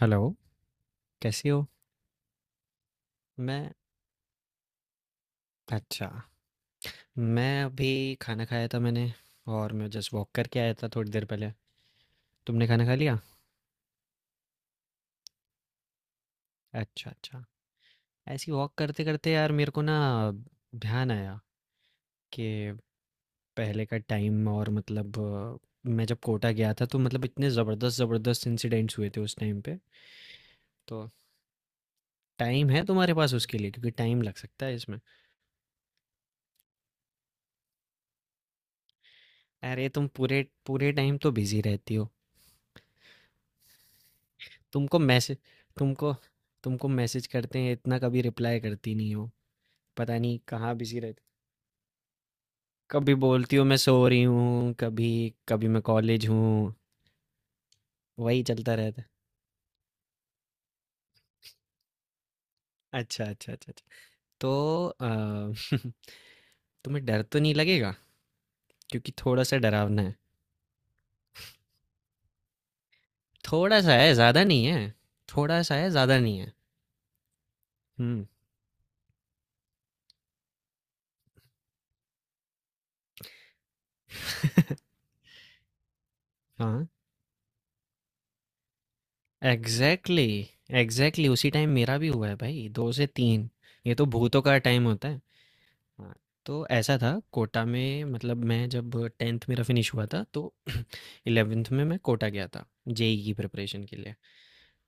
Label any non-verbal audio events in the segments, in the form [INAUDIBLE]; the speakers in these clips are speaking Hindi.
हेलो, कैसी हो? मैं अच्छा, मैं अभी खाना खाया था मैंने और मैं जस्ट वॉक करके आया था थोड़ी देर पहले। तुमने खाना खा लिया? अच्छा अच्छा। ऐसी वॉक करते करते यार मेरे को ना ध्यान आया कि पहले का टाइम और मतलब मैं जब कोटा गया था तो मतलब इतने ज़बरदस्त ज़बरदस्त इंसिडेंट्स हुए थे उस टाइम पे। तो टाइम है तुम्हारे पास उसके लिए, क्योंकि टाइम लग सकता है इसमें। अरे तुम पूरे पूरे टाइम तो बिजी रहती हो। तुमको मैसेज तुमको तुमको मैसेज करते हैं इतना, कभी रिप्लाई करती नहीं हो। पता नहीं कहाँ बिजी रहती। कभी बोलती हो मैं सो रही हूँ, कभी कभी मैं कॉलेज हूँ। वही चलता रहता है। अच्छा अच्छा अच्छा अच्छा। तो [LAUGHS] तुम्हें डर तो नहीं लगेगा, क्योंकि थोड़ा सा डरावना है। थोड़ा सा है, ज़्यादा नहीं है। थोड़ा सा है, ज़्यादा नहीं है। हम्म। हाँ एग्जैक्टली, एग्जैक्टली उसी टाइम मेरा भी हुआ है भाई, 2 से 3। ये तो भूतों का टाइम होता है। हाँ, तो ऐसा था कोटा में। मतलब मैं जब 10th मेरा फिनिश हुआ था, तो 11th में मैं कोटा गया था जेई की प्रिपरेशन के लिए।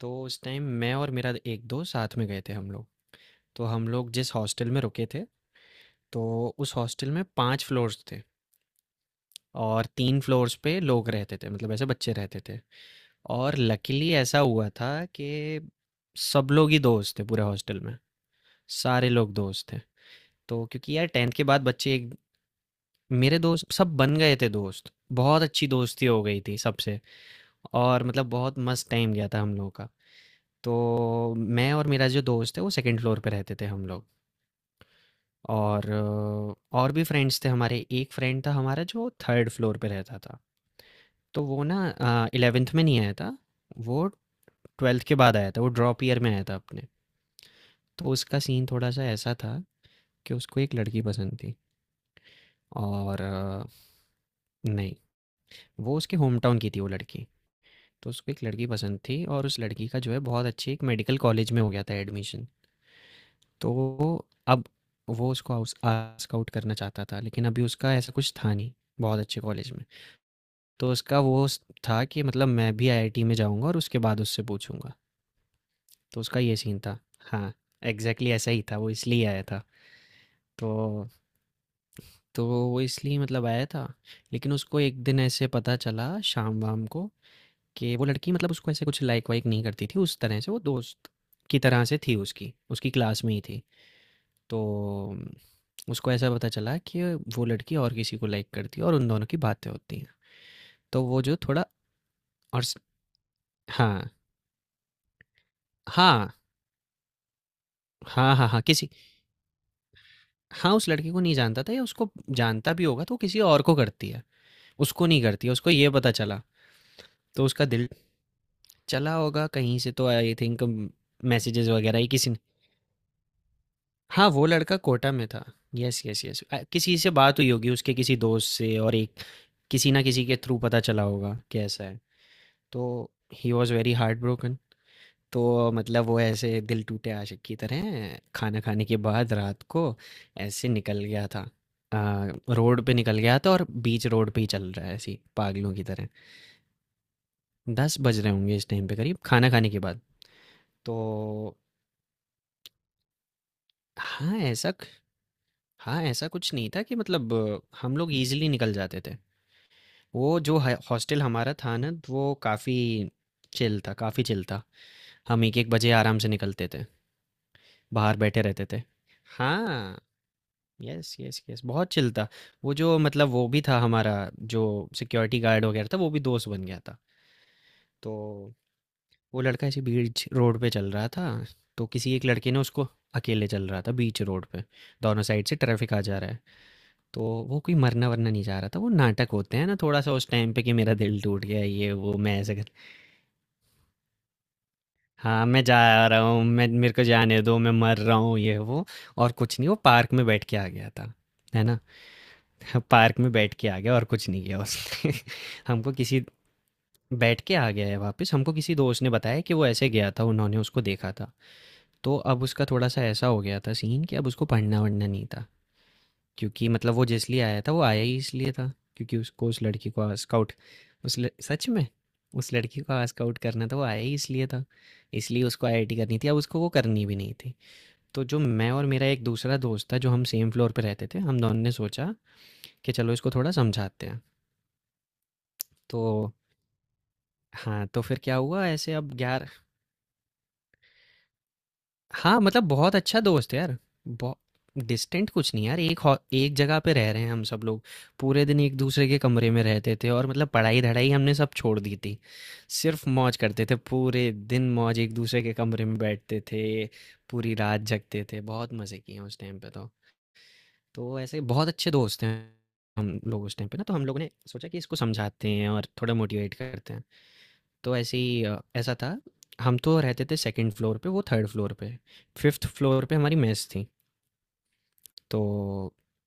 तो उस टाइम मैं और मेरा एक दो साथ में गए थे हम लोग। तो हम लोग जिस हॉस्टल में रुके थे, तो उस हॉस्टल में 5 फ्लोर्स थे, और 3 फ्लोर्स पे लोग रहते थे, मतलब ऐसे बच्चे रहते थे। और लकीली ऐसा हुआ था कि सब लोग ही दोस्त थे पूरे हॉस्टल में, सारे लोग दोस्त थे। तो क्योंकि यार टेंथ के बाद बच्चे एक मेरे दोस्त सब बन गए थे दोस्त। बहुत अच्छी दोस्ती हो गई थी सबसे, और मतलब बहुत मस्त टाइम गया था हम लोगों का। तो मैं और मेरा जो दोस्त है वो सेकंड फ्लोर पे रहते थे हम लोग। और और भी फ्रेंड्स थे हमारे। एक फ्रेंड था हमारा जो थर्ड फ्लोर पे रहता था। तो वो ना इलेवेंथ में नहीं आया था, वो ट्वेल्थ के बाद आया था, वो ड्रॉप ईयर में आया था अपने। तो उसका सीन थोड़ा सा ऐसा था कि उसको एक लड़की पसंद थी। और नहीं, वो उसके होम टाउन की थी वो लड़की। तो उसको एक लड़की पसंद थी, और उस लड़की का जो है बहुत अच्छी एक मेडिकल कॉलेज में हो गया था एडमिशन। तो अब वो उसको आउट आउट करना चाहता था, लेकिन अभी उसका ऐसा कुछ था नहीं बहुत अच्छे कॉलेज में। तो था कि मतलब मैं भी आईआईटी में जाऊंगा और उसके बाद उससे पूछूंगा। तो उसका ये सीन था। हाँ एग्जैक्टली ऐसा ही था, वो इसलिए आया था। तो तो वो इसलिए मतलब आया था। लेकिन उसको एक दिन ऐसे पता चला शाम वाम को कि वो लड़की मतलब उसको ऐसे कुछ लाइक वाइक नहीं करती थी उस तरह से, वो दोस्त की तरह से थी, उसकी उसकी क्लास में ही थी। तो अम, उसको ऐसा पता चला कि वो लड़की और किसी को लाइक करती है और उन दोनों की बातें होती हैं। तो वो जो थोड़ा और स- हाँ। हाँ हाँ हाँ हाँ किसी। हाँ, उस लड़की को नहीं जानता था, या उसको जानता भी होगा तो वो किसी और को करती है, उसको नहीं करती है, उसको ये पता चला। तो उसका दिल चला होगा कहीं से तो आई थिंक, मैसेजेस वगैरह ही किसी ने। हाँ वो लड़का कोटा में था। Yes yes yes. किसी से बात हुई होगी उसके किसी दोस्त से और एक, किसी ना किसी के थ्रू पता चला होगा कि ऐसा है। तो he was very heartbroken. तो मतलब वो ऐसे दिल टूटे आशिक की तरह खाना खाने के बाद रात को ऐसे निकल गया था। आ, रोड पे निकल गया था और बीच रोड पे ही चल रहा है ऐसे ही पागलों की तरह। 10 बज रहे होंगे इस टाइम पे करीब, खाना खाने के बाद। तो हाँ ऐसा, हाँ ऐसा कुछ नहीं था कि मतलब, हम लोग इजीली निकल जाते थे। वो जो है हॉस्टल हमारा था ना, तो वो काफ़ी चिल था, काफ़ी चिल था। हम 1-1 बजे आराम से निकलते थे, बाहर बैठे रहते थे। हाँ। यस यस यस बहुत चिल था। वो जो मतलब वो भी था हमारा, जो सिक्योरिटी गार्ड वगैरह था, वो भी दोस्त बन गया था। तो वो लड़का ऐसे बीच रोड पे चल रहा था। तो किसी एक लड़के ने उसको अकेले चल रहा था बीच रोड पे, दोनों साइड से ट्रैफिक आ जा रहा है। तो वो कोई मरना वरना नहीं जा रहा था, वो नाटक होते हैं ना थोड़ा सा उस टाइम पे कि मेरा दिल टूट गया, ये वो, मैं ऐसे, हाँ, मैं जा रहा हूँ, मैं मेरे को जाने दो, मैं मर रहा हूँ, ये वो, और कुछ नहीं, वो पार्क में बैठ के आ गया था, है ना? [LAUGHS] पार्क में बैठ के आ गया और कुछ नहीं किया उसने। [LAUGHS] हमको किसी बैठ के आ गया है वापस, हमको किसी दोस्त ने बताया कि वो ऐसे गया था, उन्होंने उसको देखा था। तो अब उसका थोड़ा-सा ऐसा हो गया था सीन कि अब उसको पढ़ना-वढ़ना नहीं था। क्योंकि मतलब वो जिसलिए आया था वो आया ही इसलिए था, क्योंकि उसको उस लड़की को स्काउट, सच में उस लड़की को स्काउट करना था, वो आया ही इसलिए था, इसलिए उसको आईआईटी करनी थी, अब उसको वो करनी भी नहीं थी। तो जो मैं और मेरा एक दूसरा दोस्त था जो हम सेम फ्लोर पे रहते थे, हम दोनों ने सोचा कि चलो इसको थोड़ा समझाते हैं। तो हाँ तो फिर क्या हुआ ऐसे, अब यार हाँ मतलब बहुत अच्छा दोस्त है यार। बहुत डिस्टेंट कुछ नहीं यार, एक एक जगह पे रह रहे हैं हम सब लोग। पूरे दिन एक दूसरे के कमरे में रहते थे, और मतलब पढ़ाई धड़ाई हमने सब छोड़ दी थी, सिर्फ मौज करते थे पूरे दिन, मौज एक दूसरे के कमरे में बैठते थे, पूरी रात जगते थे, बहुत मज़े किए हैं उस टाइम पे। तो ऐसे बहुत अच्छे दोस्त हैं हम लोग उस टाइम पे ना। तो हम लोगों ने सोचा कि इसको समझाते हैं और थोड़ा मोटिवेट करते हैं। तो ऐसे ही ऐसा था, हम तो रहते थे सेकंड फ्लोर पे, वो थर्ड फ्लोर पे, फिफ्थ फ्लोर पे हमारी मेस थी। तो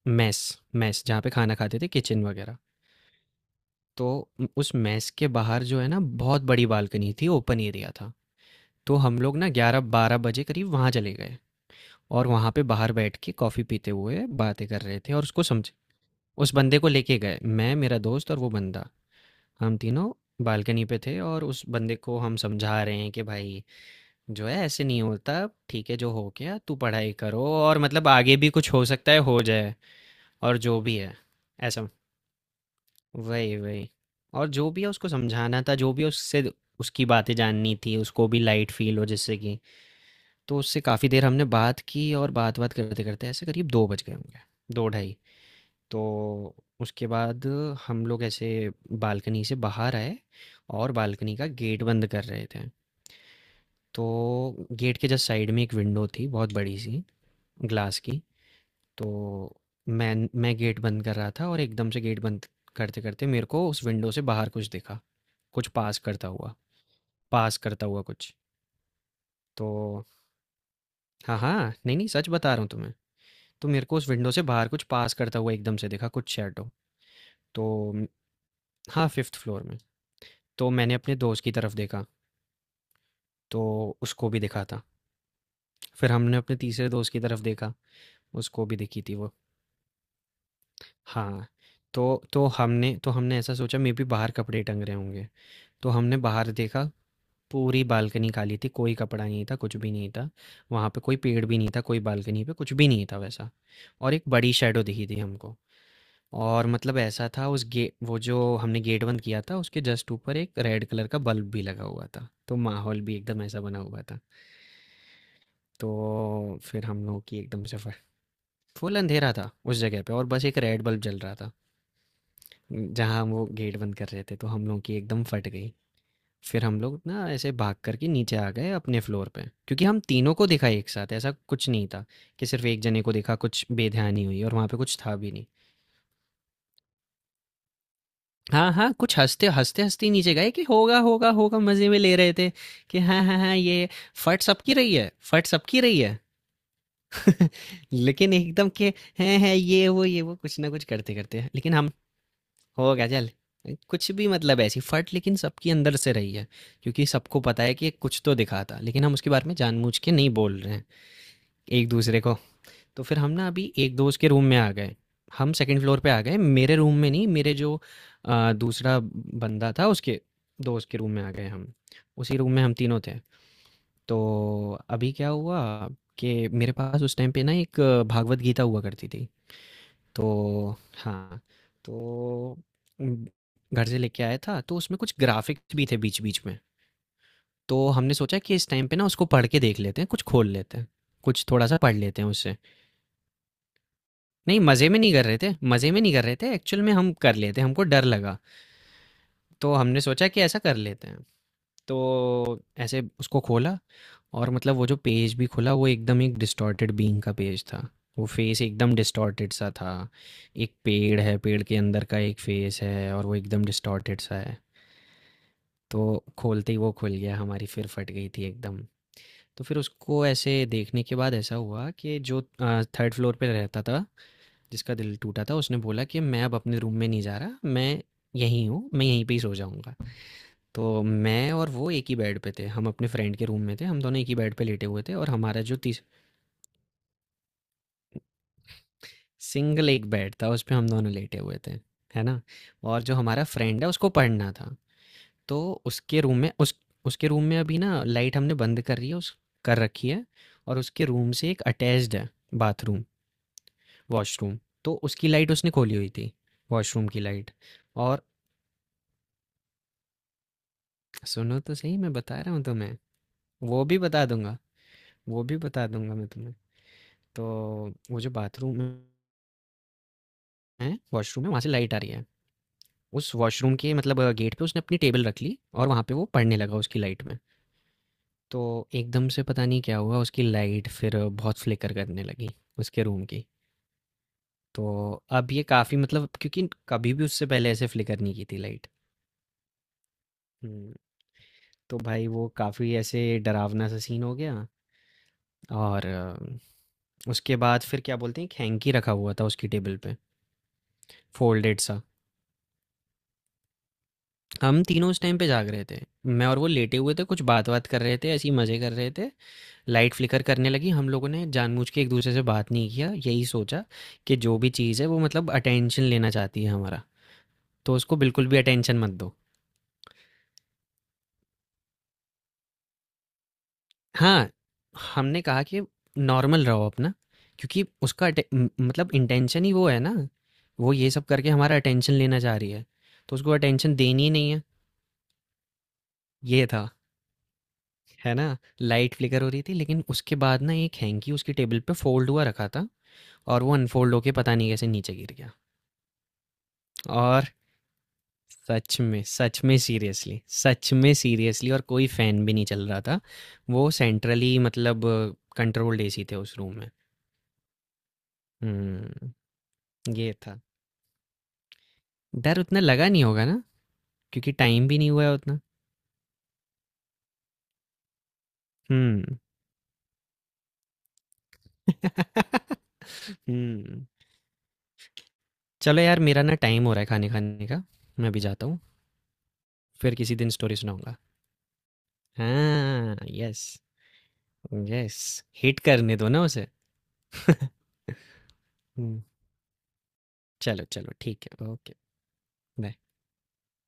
मेस, मेस जहाँ पे खाना खाते थे, किचन वगैरह। तो उस मेस के बाहर जो है ना बहुत बड़ी बालकनी थी, ओपन एरिया था। तो हम लोग ना 11-12 बजे करीब वहाँ चले गए, और वहाँ पे बाहर बैठ के कॉफ़ी पीते हुए बातें कर रहे थे, और उसको समझे। उस बंदे को लेके गए, मैं मेरा दोस्त और वो बंदा, हम तीनों बालकनी पे थे। और उस बंदे को हम समझा रहे हैं कि भाई जो है ऐसे नहीं होता, ठीक है जो हो गया, तू पढ़ाई करो, और मतलब आगे भी कुछ हो सकता है, हो जाए, और जो भी है ऐसा। वही वही, और जो भी है उसको समझाना था, जो भी उससे उसकी बातें जाननी थी, उसको भी लाइट फील हो जिससे कि। तो उससे काफ़ी देर हमने बात की, और बात बात करते करते ऐसे करीब 2 बज गए होंगे, 2-2:30। तो उसके बाद हम लोग ऐसे बालकनी से बाहर आए, और बालकनी का गेट बंद कर रहे थे। तो गेट के जस्ट साइड में एक विंडो थी, बहुत बड़ी सी, ग्लास की। तो मैं मैं गेट बंद कर रहा था, और एकदम से गेट बंद करते करते मेरे को उस विंडो से बाहर कुछ दिखा, कुछ पास करता हुआ, पास करता हुआ कुछ। तो हाँ हाँ, नहीं नहीं सच बता रहा हूँ तुम्हें। तो मेरे को उस विंडो से बाहर कुछ पास करता हुआ एकदम से दिखा, कुछ शैडो। तो म- हाँ फिफ्थ फ्लोर में। तो मैंने अपने दोस्त की तरफ देखा, तो उसको भी दिखा था। फिर हमने अपने तीसरे दोस्त की तरफ देखा, उसको भी दिखी थी वो। हाँ। तो तो हमने, तो हमने ऐसा सोचा मे भी बाहर कपड़े टंग रहे होंगे। तो हमने बाहर देखा, पूरी बालकनी खाली थी, कोई कपड़ा नहीं था, कुछ भी नहीं था। वहाँ पे कोई पेड़ भी नहीं था, कोई बालकनी पे कुछ भी नहीं था वैसा। और एक बड़ी शैडो दिखी थी हमको। और मतलब ऐसा था, उस गे वो जो हमने गेट बंद किया था, उसके जस्ट ऊपर एक रेड कलर का बल्ब भी लगा हुआ था। तो माहौल भी एकदम ऐसा बना हुआ था। तो फिर हम लोगों की एकदम से फ फुल अंधेरा था उस जगह पे और बस एक रेड बल्ब जल रहा था, जहाँ हम वो गेट बंद कर रहे थे, तो हम लोगों की एकदम फट गई। फिर हम लोग ना ऐसे भाग कर के नीचे आ गए अपने फ्लोर पे, क्योंकि हम तीनों को दिखा एक साथ, ऐसा कुछ नहीं था कि सिर्फ एक जने को दिखा कुछ बेध्यानी हुई, और वहाँ पे कुछ था भी नहीं। हाँ हाँ, कुछ हंसते हंसते हंसते नीचे गए कि होगा होगा होगा, मज़े में ले रहे थे कि हाँ हाँ हाँ ये फट सबकी रही है, फट सबकी रही है। [LAUGHS] लेकिन एकदम के हैं ये वो कुछ ना कुछ करते करते लेकिन हम हो गजल। कुछ भी मतलब ऐसी फट लेकिन सबकी अंदर से रही है, क्योंकि सबको पता है कि ये कुछ तो दिखा था लेकिन हम उसके बारे में जानबूझ के नहीं बोल रहे हैं एक दूसरे को। तो फिर हम ना अभी एक दोस्त के रूम में आ गए। हम सेकंड फ्लोर पे आ गए, मेरे रूम में नहीं, मेरे जो दूसरा बंदा था उसके दोस्त के रूम में आ गए हम। उसी रूम में हम तीनों थे। तो अभी क्या हुआ कि मेरे पास उस टाइम पे ना एक भागवत गीता हुआ करती थी। तो हाँ, तो उम, घर से लेके आया था, तो उसमें कुछ ग्राफ़िक्स भी थे बीच-बीच में। तो हमने सोचा कि इस टाइम पे ना उसको पढ़ के देख लेते हैं, कुछ खोल लेते हैं, कुछ थोड़ा-सा पढ़ लेते हैं उससे। नहीं, मज़े में नहीं कर रहे थे, मज़े में नहीं कर रहे थे, एक्चुअल में हम कर लेते, हमको डर लगा। तो हमने सोचा कि ऐसा कर लेते हैं। तो ऐसे उसको खोला और मतलब वो जो पेज भी खुला वो एकदम एक डिस्टॉर्टेड बीइंग का पेज था। वो फेस एकदम डिस्टॉर्टेड सा था। एक पेड़ है, पेड़ के अंदर का एक फेस है और वो एकदम डिस्टॉर्टेड सा है। तो खोलते ही वो खुल गया, हमारी फिर फट गई थी एकदम। तो फिर उसको ऐसे देखने के बाद ऐसा हुआ कि जो थर्ड फ्लोर पे रहता था, जिसका दिल टूटा था, उसने बोला कि मैं अब अपने रूम में नहीं जा रहा, मैं यहीं हूँ, मैं यहीं पे ही सो जाऊँगा। तो मैं और वो एक ही बेड पे थे। हम अपने फ्रेंड के रूम में थे। हम दोनों एक ही बेड पे लेटे हुए थे और हमारा जो तीस सिंगल एक बेड था उस पे हम दोनों लेटे हुए थे। है ना? और जो हमारा फ्रेंड है उसको पढ़ना था। तो उसके रूम में उस उसके रूम में अभी ना लाइट हमने बंद कर रही है उस कर रखी है। और उसके रूम से एक अटैच्ड है बाथरूम, वॉशरूम। तो उसकी लाइट उसने खोली हुई थी, वॉशरूम की लाइट। और सुनो तो सही, मैं बता रहा हूँ तुम्हें। वो भी बता दूँगा, वो भी बता दूँगा मैं तुम्हें। तो वो जो बाथरूम है, वॉशरूम है, वहाँ से लाइट आ रही है। उस वॉशरूम के मतलब गेट पे उसने अपनी टेबल रख ली और वहाँ पे वो पढ़ने लगा उसकी लाइट में। तो एकदम से पता नहीं क्या हुआ, उसकी लाइट फिर बहुत फ्लिकर करने लगी, उसके रूम की। तो अब ये काफ़ी मतलब क्योंकि कभी भी उससे पहले ऐसे फ्लिकर नहीं की थी लाइट। हुँ। तो भाई वो काफ़ी ऐसे डरावना-सा सीन हो गया। और उसके बाद फिर क्या बोलते हैं, एक हैंकी रखा हुआ था उसकी टेबल पे, फ़ोल्डेड सा। हम तीनों उस टाइम पे जाग रहे थे। मैं और वो लेटे हुए थे, कुछ बात बात कर रहे थे, ऐसे ही मज़े कर रहे थे। लाइट फ्लिकर करने लगी, हम लोगों ने जानबूझ के एक दूसरे से बात नहीं किया। यही सोचा कि जो भी चीज़ है वो मतलब अटेंशन लेना चाहती है हमारा, तो उसको बिल्कुल भी अटेंशन मत दो। हाँ, हमने कहा कि नॉर्मल रहो अपना, क्योंकि उसका मतलब इंटेंशन ही वो है ना, वो ये सब करके हमारा अटेंशन लेना चाह रही है, तो उसको अटेंशन देनी ही नहीं है। ये था। है ना? लाइट फ्लिकर हो रही थी, लेकिन उसके बाद ना एक हैंकी उसकी टेबल पे फ़ोल्ड हुआ रखा था और वो अनफ़ोल्ड होके पता नहीं कैसे नीचे गिर गया। और सच में सीरियसली, सच में सीरियसली, और कोई फ़ैन भी नहीं चल रहा था। वो सेंट्रली मतलब कंट्रोल्ड एसी थे उस रूम में। हुँ, ये था। डर उतना लगा नहीं होगा ना? क्योंकि टाइम भी नहीं हुआ है उतना। हुँ। हुँ। [LAUGHS] चलो यार, मेरा ना टाइम हो रहा है खाने खाने का। मैं अभी जाता हूँ। फिर किसी दिन स्टोरी सुनाऊँगा। हाँ, यस। यस, हिट करने दो ना उसे। हम्म, चलो चलो ठीक है, ओके। बाय।